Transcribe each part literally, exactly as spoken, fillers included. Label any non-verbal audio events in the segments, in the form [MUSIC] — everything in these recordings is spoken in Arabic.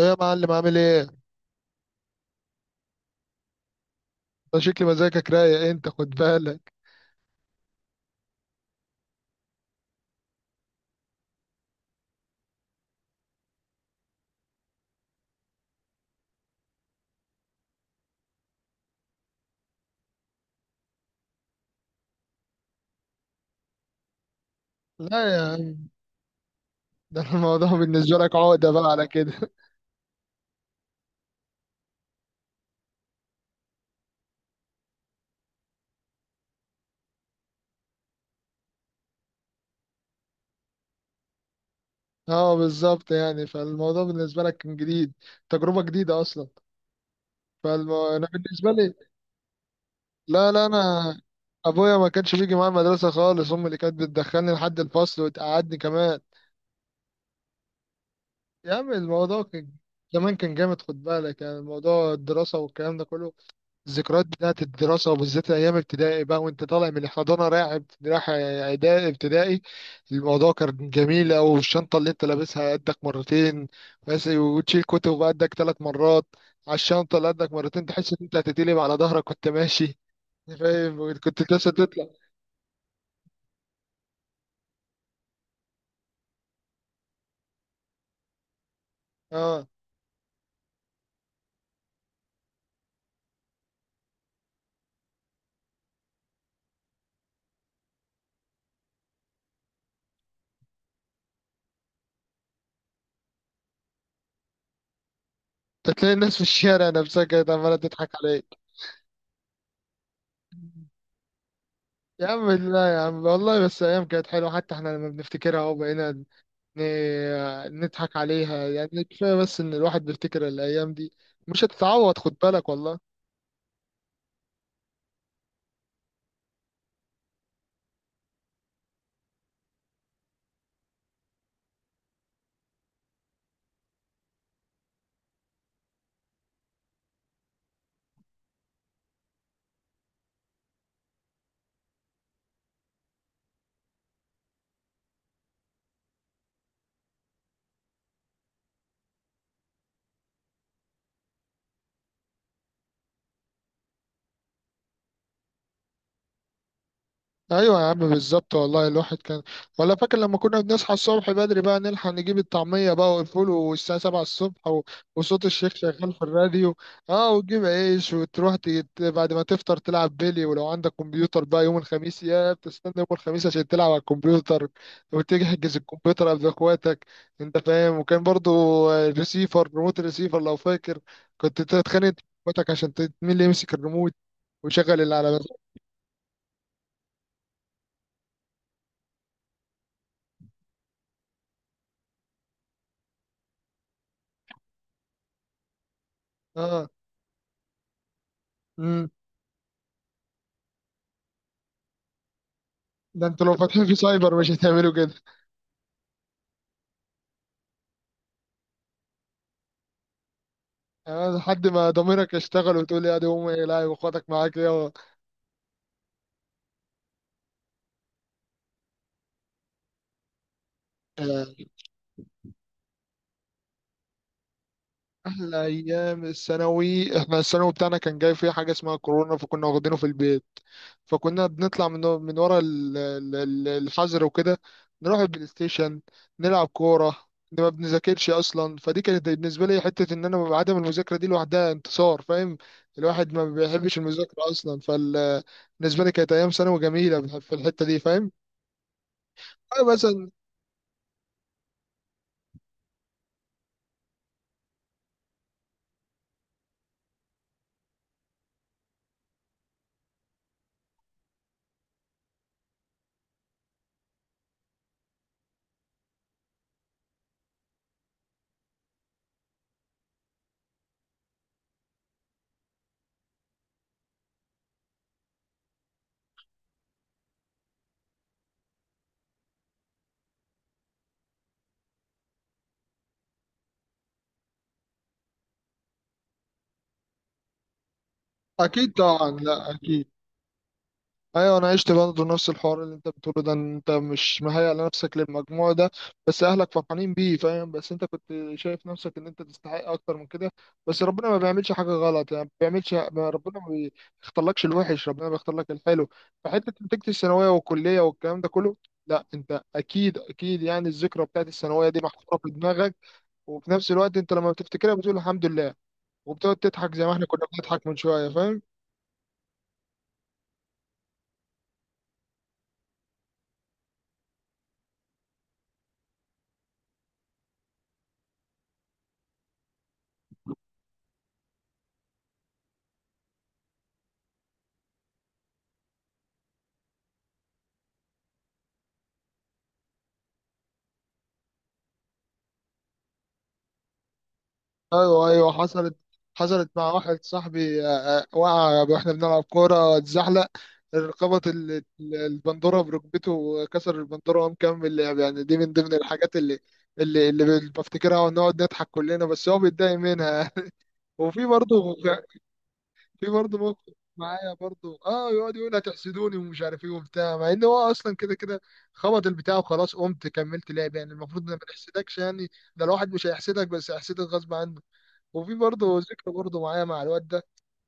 ايه يا معلم؟ عامل ايه؟ ده شكل مزاجك رايق، انت خد بالك. لا يا عم. [LAUGHS] ده الموضوع بالنسبة لك عقدة بقى على كده. [LAUGHS] اه بالظبط، يعني فالموضوع بالنسبة لك كان جديد، تجربة جديدة اصلا. فانا بالنسبة لي، لا لا انا ابويا ما كانش بيجي معايا المدرسة خالص، امي اللي كانت بتدخلني لحد الفصل وتقعدني كمان. يا عم الموضوع كان زمان كان جامد، خد بالك يعني، الموضوع الدراسة والكلام ده كله. الذكريات بتاعت الدراسة، وبالذات أيام ابتدائي بقى وأنت طالع من الحضانة رايح ابت- رايح إعدادي ابتدائي. الموضوع كان جميل أوي، الشنطة اللي أنت لابسها قدك مرتين بس، وتشيل كتب قدك ثلاث مرات، على الشنطة اللي قدك مرتين تحس إن أنت هتتقلب على ظهرك وأنت ماشي. [LAUGHS] فاهم؟ كنت لسه تطلع. أه، أنت تلاقي الناس في الشارع نفسها كانت عمالة تضحك عليك. يا عم لا يا عم، والله بس أيام كانت حلوة، حتى إحنا لما بنفتكرها أهو بقينا ن- نضحك عليها يعني. كفاية بس إن الواحد بيفتكر الأيام دي، مش هتتعوض، خد بالك والله. ايوه يا عم بالظبط والله، الواحد كان، ولا فاكر لما كنا بنصحى الصبح بدري بقى نلحق نجيب الطعميه بقى والفول، والساعه سبعة الصبح، و... وصوت الشيخ شغال في الراديو. اه، وتجيب عيش وتروح تيت، بعد ما تفطر تلعب بيلي، ولو عندك كمبيوتر بقى يوم الخميس، يا بتستنى يوم الخميس عشان تلعب على الكمبيوتر، وتحجز الكمبيوتر قبل اخواتك. انت فاهم؟ وكان برضو الريسيفر، ريموت الريسيفر لو فاكر، كنت تتخانق انت واخواتك عشان ت- مين اللي يمسك الريموت ويشغل اللي على مزاجه. اه، ده انتوا لو فاتحين في سايبر مش هتعملوا كده. يعني لحد ما ضميرك يشتغل وتقول يا دي امي، لا واخواتك معاك، يا آه، احلى ايام الثانوي، احنا الثانوي بتاعنا كان جاي فيه حاجه اسمها كورونا، فكنا واخدينه في البيت. فكنا بنطلع من من ورا ال- ال- ال- الحظر وكده، نروح البلاي ستيشن، نلعب كوره، إن ما بنذاكرش اصلا، فدي كانت بالنسبه لي حته ان انا ببقى عدم المذاكره دي لوحدها انتصار، فاهم؟ الواحد ما بيحبش المذاكره اصلا، فبالنسبه لي كانت ايام ثانوي جميله في الحته دي، فاهم؟ أيوة مثلا. أكيد طبعا، لا أكيد. أيوة أنا عشت برضه نفس الحوار اللي أنت بتقوله ده، إن أنت مش مهيأ لنفسك للمجموع ده، بس أهلك فرحانين بيه، فاهم؟ بس أنت كنت شايف نفسك إن أنت تستحق أكتر من كده. بس ربنا ما بيعملش حاجة غلط يعني، ما بيعملش ما- ربنا ما بيختارلكش الوحش، ربنا بيختار لك الحلو. فحتة نتيجة الثانوية والكلية والكلام ده كله، لا انت اكيد اكيد يعني الذكرى بتاعت الثانويه دي محفوره في دماغك، وفي نفس الوقت انت لما بتفتكرها بتقول الحمد لله، وبتقعد تضحك زي ما احنا كنا بنضحك من شويه، فاهم؟ ايوه ايوه، حصلت، حصلت مع واحد صاحبي آه، آه، وقع واحنا بنلعب كوره، اتزحلق، ربط ال- ال- البندوره بركبته، وكسر البندوره وقام مكمل لعب. يعني دي من ضمن الحاجات اللي اللي اللي بفتكرها ونقعد نضحك كلنا، بس هو بيتضايق منها. [LAUGHS] وفي برضه، في برضه موقف معايا برضه، اه يقعد يقول هتحسدوني ومش عارف ايه وبتاع، مع ان هو اصلا كده كده خبط البتاع وخلاص، قمت كملت لعب. يعني المفروض إن ما نحسدكش يعني، ده الواحد مش هيحسدك، بس هيحسدك غصب عنه. وفي برضه ذكرى برضه معايا مع الواد ده،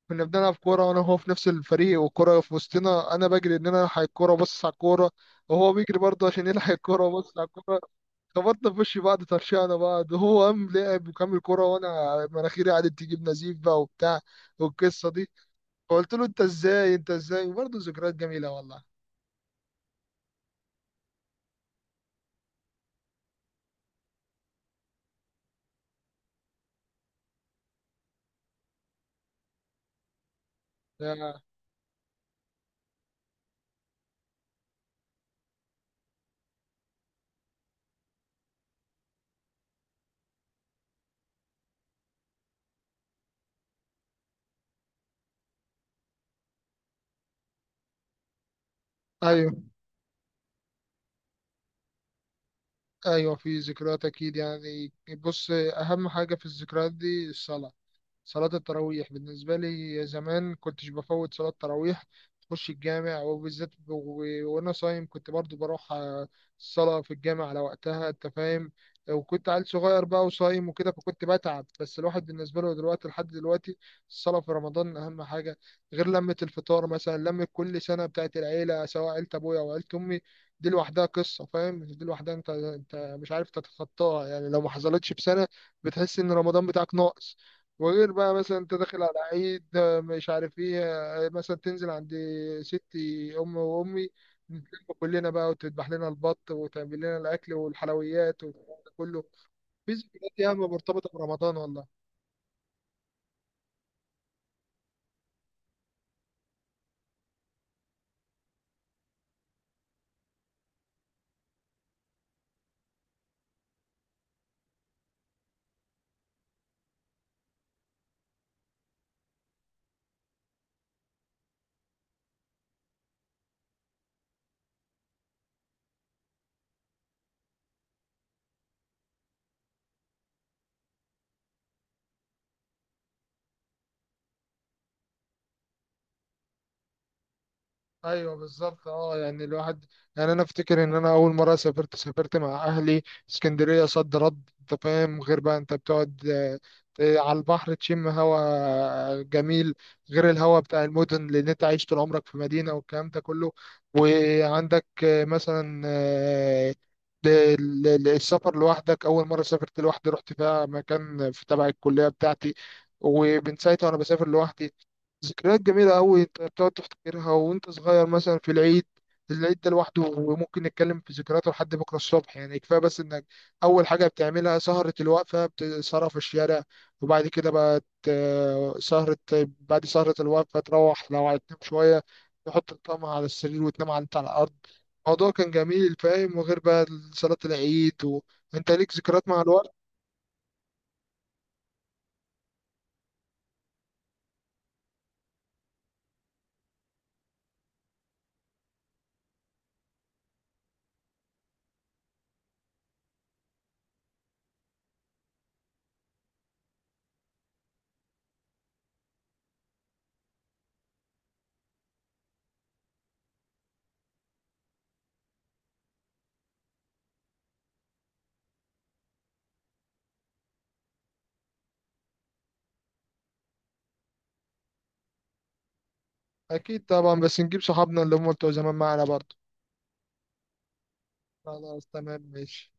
كنا بنلعب كورة وأنا وهو في نفس الفريق، والكورة في وسطنا، أنا بجري إن أنا ألحق الكورة وأبص على الكورة، وهو بيجري برضه عشان يلحق الكورة وأبص على الكورة، خبطنا في وش بعض، طرشقنا بعض، وهو قام لعب وكمل كورة، وأنا مناخيري قعدت تجيب نزيف بقى وبتاع، والقصة دي. فقلت له أنت إزاي، أنت إزاي، برضه ذكريات جميلة والله. يا، أيوه أيوه، في ذكريات أكيد يعني. بص، أهم حاجة في الذكريات دي الصلاة، صلاة التراويح. بالنسبة لي زمان كنتش بفوت صلاة تراويح، تخش الجامع وبالذات ب- و- وأنا صايم، كنت برضو بروح آه، الصلاة في الجامع على وقتها، أنت فاهم؟ وكنت عيل صغير بقى وصايم وكده فكنت بتعب، بس الواحد بالنسبة له دلوقتي لحد دلوقتي الصلاة في رمضان أهم حاجة. غير لمة الفطار مثلا، لمة كل سنة بتاعت العيلة، سواء عيلة أبويا أو عيلة أمي، دي لوحدها قصة، فاهم؟ دي لوحدها أنت أنت مش عارف تتخطاها يعني، لو ما حصلتش في سنة بتحس إن رمضان بتاعك ناقص. وغير بقى مثلا انت داخل على عيد آه، مش عارف ايه، آه، مثلا تنزل عند ستي ام وامي، نتلم كلنا بقى، وتذبح لنا البط وتعمل لنا الاكل والحلويات وكله. في ذكريات ياما مرتبطه برمضان والله. ايوه بالظبط اه، يعني الواحد، يعني انا افتكر ان انا اول مره سافرت، سافرت مع اهلي اسكندريه صد رد، انت فاهم؟ غير بقى انت بتقعد آه، آه، على البحر تشم هوا جميل، غير الهوا بتاع المدن، لان انت عايش طول عمرك في مدينه والكلام ده كله. وعندك آه، مثلا آه، ال- ال- السفر لوحدك، اول مره سافرت لوحدي رحت فيها مكان في تبع الكليه بتاعتي، ومن ساعتها وانا بسافر لوحدي. ذكريات جميلة أوي أنت بتقعد تفتكرها وأنت صغير، مثلا في العيد، العيد ده لوحده، وممكن نتكلم في ذكرياته لحد بكرة الصبح. يعني كفاية بس إنك أول حاجة بتعملها سهرة الوقفة بتسهرها في الشارع، وبعد كده بقى ت- سهرة بعد سهرة الوقفة تروح لو هتنام شوية تحط الطعمة على السرير وتنام على أنت على الأرض. الموضوع كان جميل فاهم، وغير بقى صلاة العيد، وأنت ليك ذكريات مع الوقت. أكيد طبعا، بس نجيب صحابنا اللي هم بتوع زمان معنا برضه. خلاص تمام ماشي.